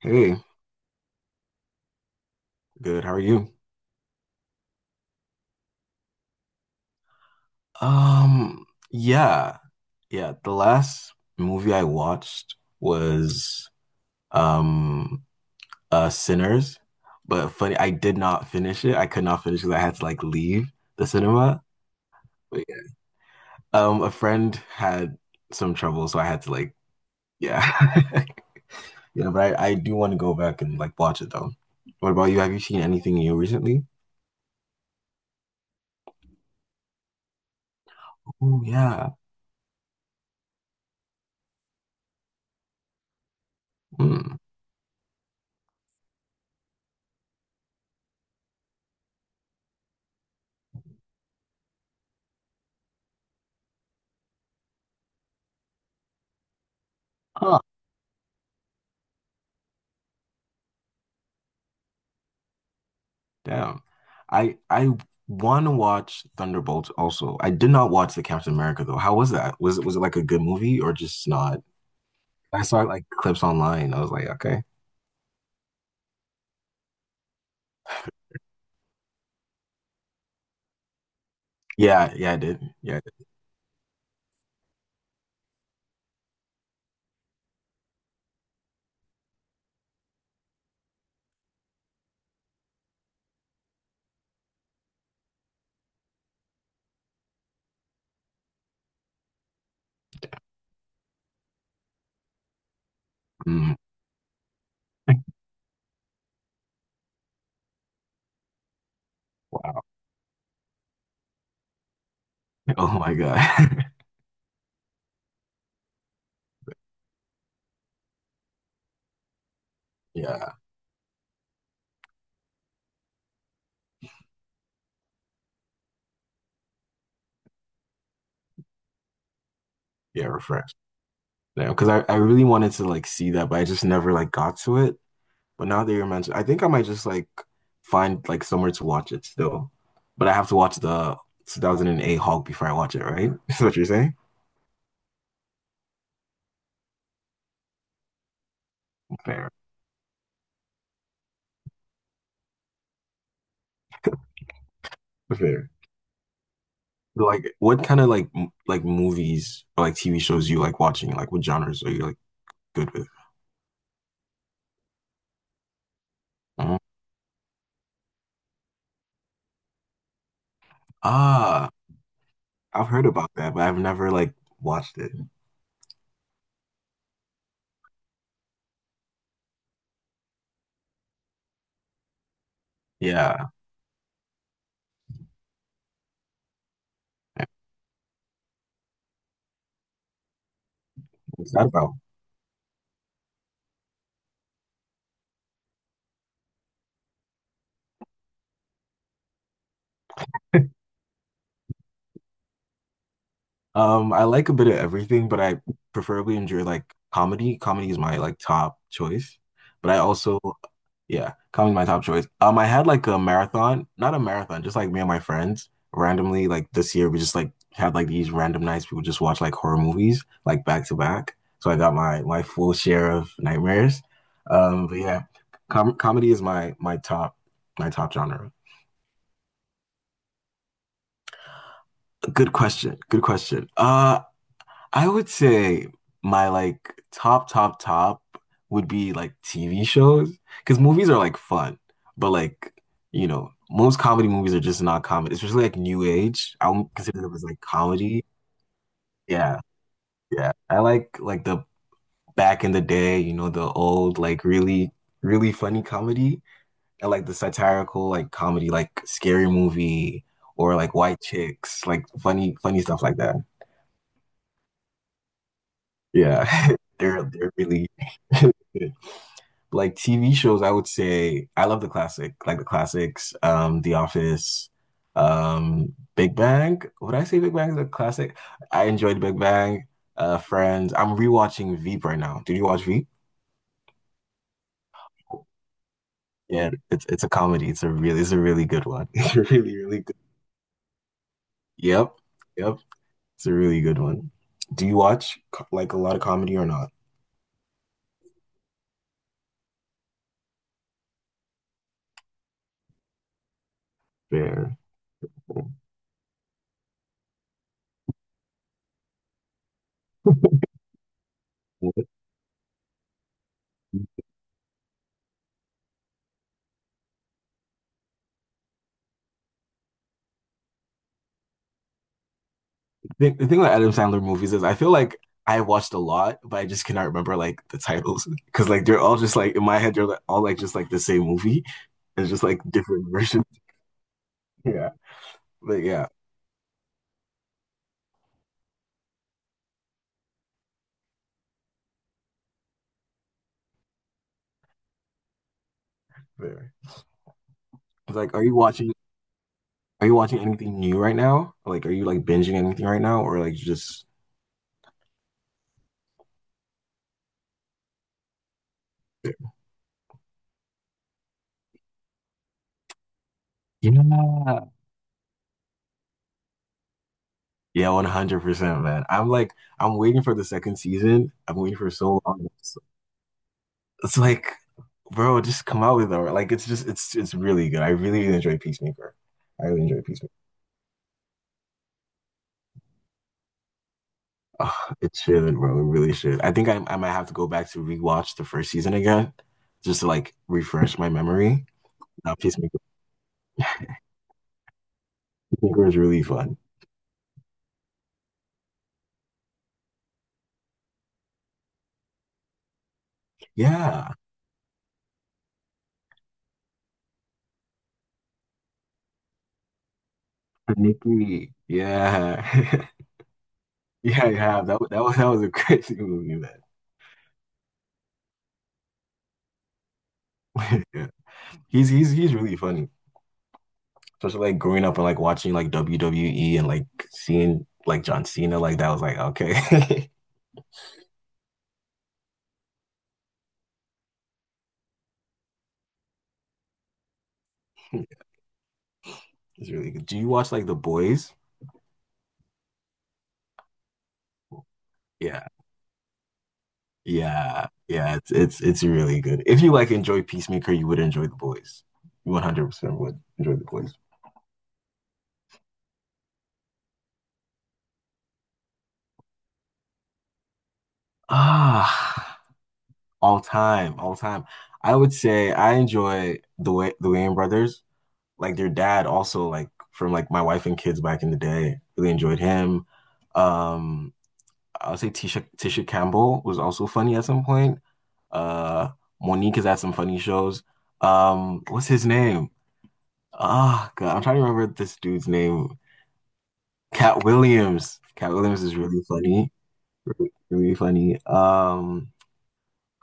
Hey, good. How are you? Um, yeah. Yeah, the last movie I watched was um Sinners. But funny, I did not finish it. I could not finish because I had to like leave the cinema. But yeah. A friend had some trouble, so I had to like yeah. Yeah, but I do want to go back and like watch it though. What about you? Have you seen anything new recently? Oh yeah. Hmm. Damn. I want to watch Thunderbolts also. I did not watch the Captain America though. How was that? Was it like a good movie or just not? I saw like clips online. I was like, okay. Yeah, yeah, I did. Yeah. I did. Mm. Wow. Oh my God. Yeah. Yeah, refreshed. Yeah, because I really wanted to like see that, but I just never like got to it. But now that you're mentioning, I think I might just like find like somewhere to watch it still. But I have to watch the 2008 Hulk before I watch it, right? Is what you're saying? Fair. Fair. Like, what kind of like like movies or like TV shows you like watching? Like, what genres are you like good with? Mhm. Ah, I've heard about that, but I've never like watched it. Yeah. What's that about? I like a bit of everything, but I preferably enjoy like comedy. Comedy is my like top choice. But I also, yeah, comedy is my top choice. I had like a marathon, not a marathon, just like me and my friends randomly like this year we just like had like these random nights we would just watch like horror movies like back to back. So I got my full share of nightmares. But yeah, comedy is my top my top genre. Good question. Good question. I would say my like top, top, top would be like TV shows because movies are like fun, but like, you know, most comedy movies are just not comedy, especially like New Age. I would consider them as like comedy. Yeah, yeah. I like the back in the day, you know, the old like really, really funny comedy. I like the satirical like comedy, like Scary Movie or like White Chicks, like funny, funny stuff like that. Yeah, they're really Like TV shows, I would say I love the classic, like the classics, The Office, Big Bang. Would I say Big Bang is a classic? I enjoyed Big Bang, Friends. I'm rewatching Veep right now. Did you watch Veep? Yeah, it's a comedy. It's a really good one. It's a really, really good. Yep. Yep. It's a really good one. Do you watch like a lot of comedy or not? Fair. The thing with Adam Sandler movies is I feel like I watched a lot, but I just cannot remember like the titles because like they're all just like in my head they're like, all like just like the same movie. It's just like different versions. Yeah, but yeah, fair. It's like, are you watching? Are you watching anything new right now? Like, are you like binging anything right now, or like just? Yeah, yeah, 100%, man. I'm like, I'm waiting for the second season. I'm waiting for so long. It's like bro, just come out with it. Like it's just it's really good. I really, really enjoy Peacemaker. I really enjoy Peacemaker. Oh, it should, bro. It really should. I think I might have to go back to rewatch the first season again, just to like refresh my memory. Now Peacemaker, Peacemaker is really fun. Yeah, Nikki. Yeah, yeah, yeah. That was that was a crazy movie, man. Yeah. He's really funny. Especially like growing up and like watching like WWE and like seeing like John Cena like that was like okay. It's really good. Do you watch like The Boys? Yeah. Yeah. Yeah, it's it's really good. If you like enjoy Peacemaker, you would enjoy The Boys. You 100% would enjoy The Boys. Ah, all time, all time. I would say I enjoy the way the Wayans brothers, like their dad also like from like my wife and kids back in the day. Really enjoyed him. Um, I would say Tisha Campbell was also funny at some point. Uh, Monique has had some funny shows. What's his name? Ah, God, I'm trying to remember this dude's name. Cat Williams. Cat Williams is really funny. Really, really funny.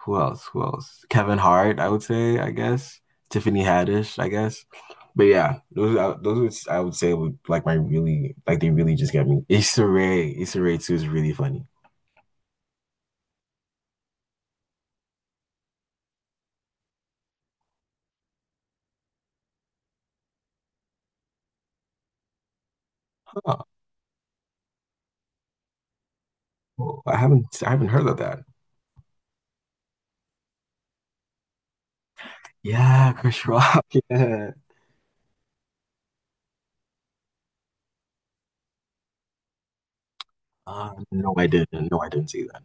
Who else? Who else? Kevin Hart, I would say, I guess. Tiffany Haddish, I guess. But yeah, those would, I would say would like my really like they really just get me. Issa Rae, Issa Rae too is really funny. Oh, I haven't heard of that. Yeah, Chris Rock. Yeah. No, I didn't. No, I didn't see that.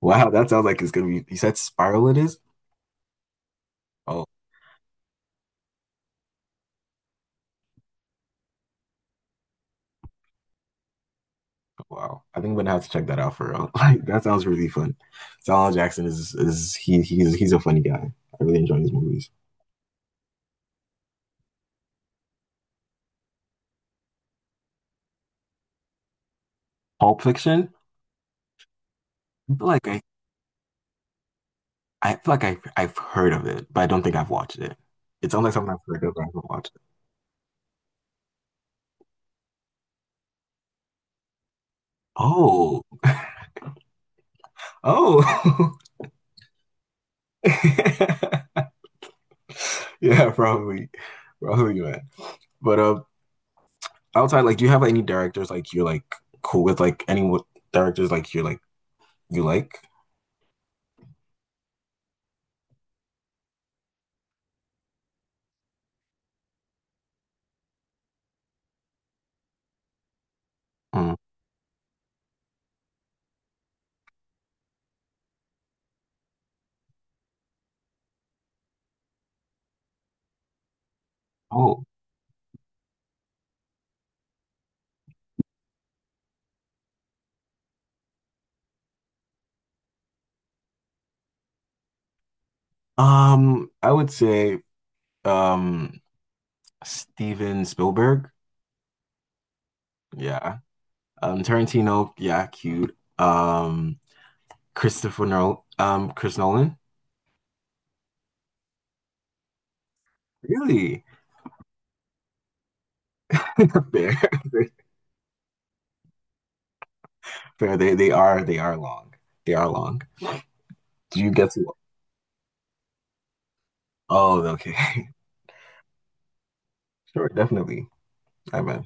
Wow, that sounds like it's gonna be. You said Spiral it is? Oh, wow. I think I'm gonna have to check that out for real. Like that sounds really fun. Samuel L. Jackson is he he's a funny guy. I really enjoy his movies. Pulp Fiction? I feel like I feel like I've heard of it, but I don't think I've watched it. It sounds like something I've heard of, but I haven't watched it. Oh, oh. Yeah, probably. Probably, man. But outside, like, do you have any directors like you're like cool with? Like, any directors like you're like you like? Mm. Oh, I would say um Steven Spielberg. Yeah. Tarantino. Yeah, cute. Christopher Nolan. Chris Nolan. Really? Fair. Fair. They are long. They are long. Do you get to? Oh, okay. Sure, definitely. I bet.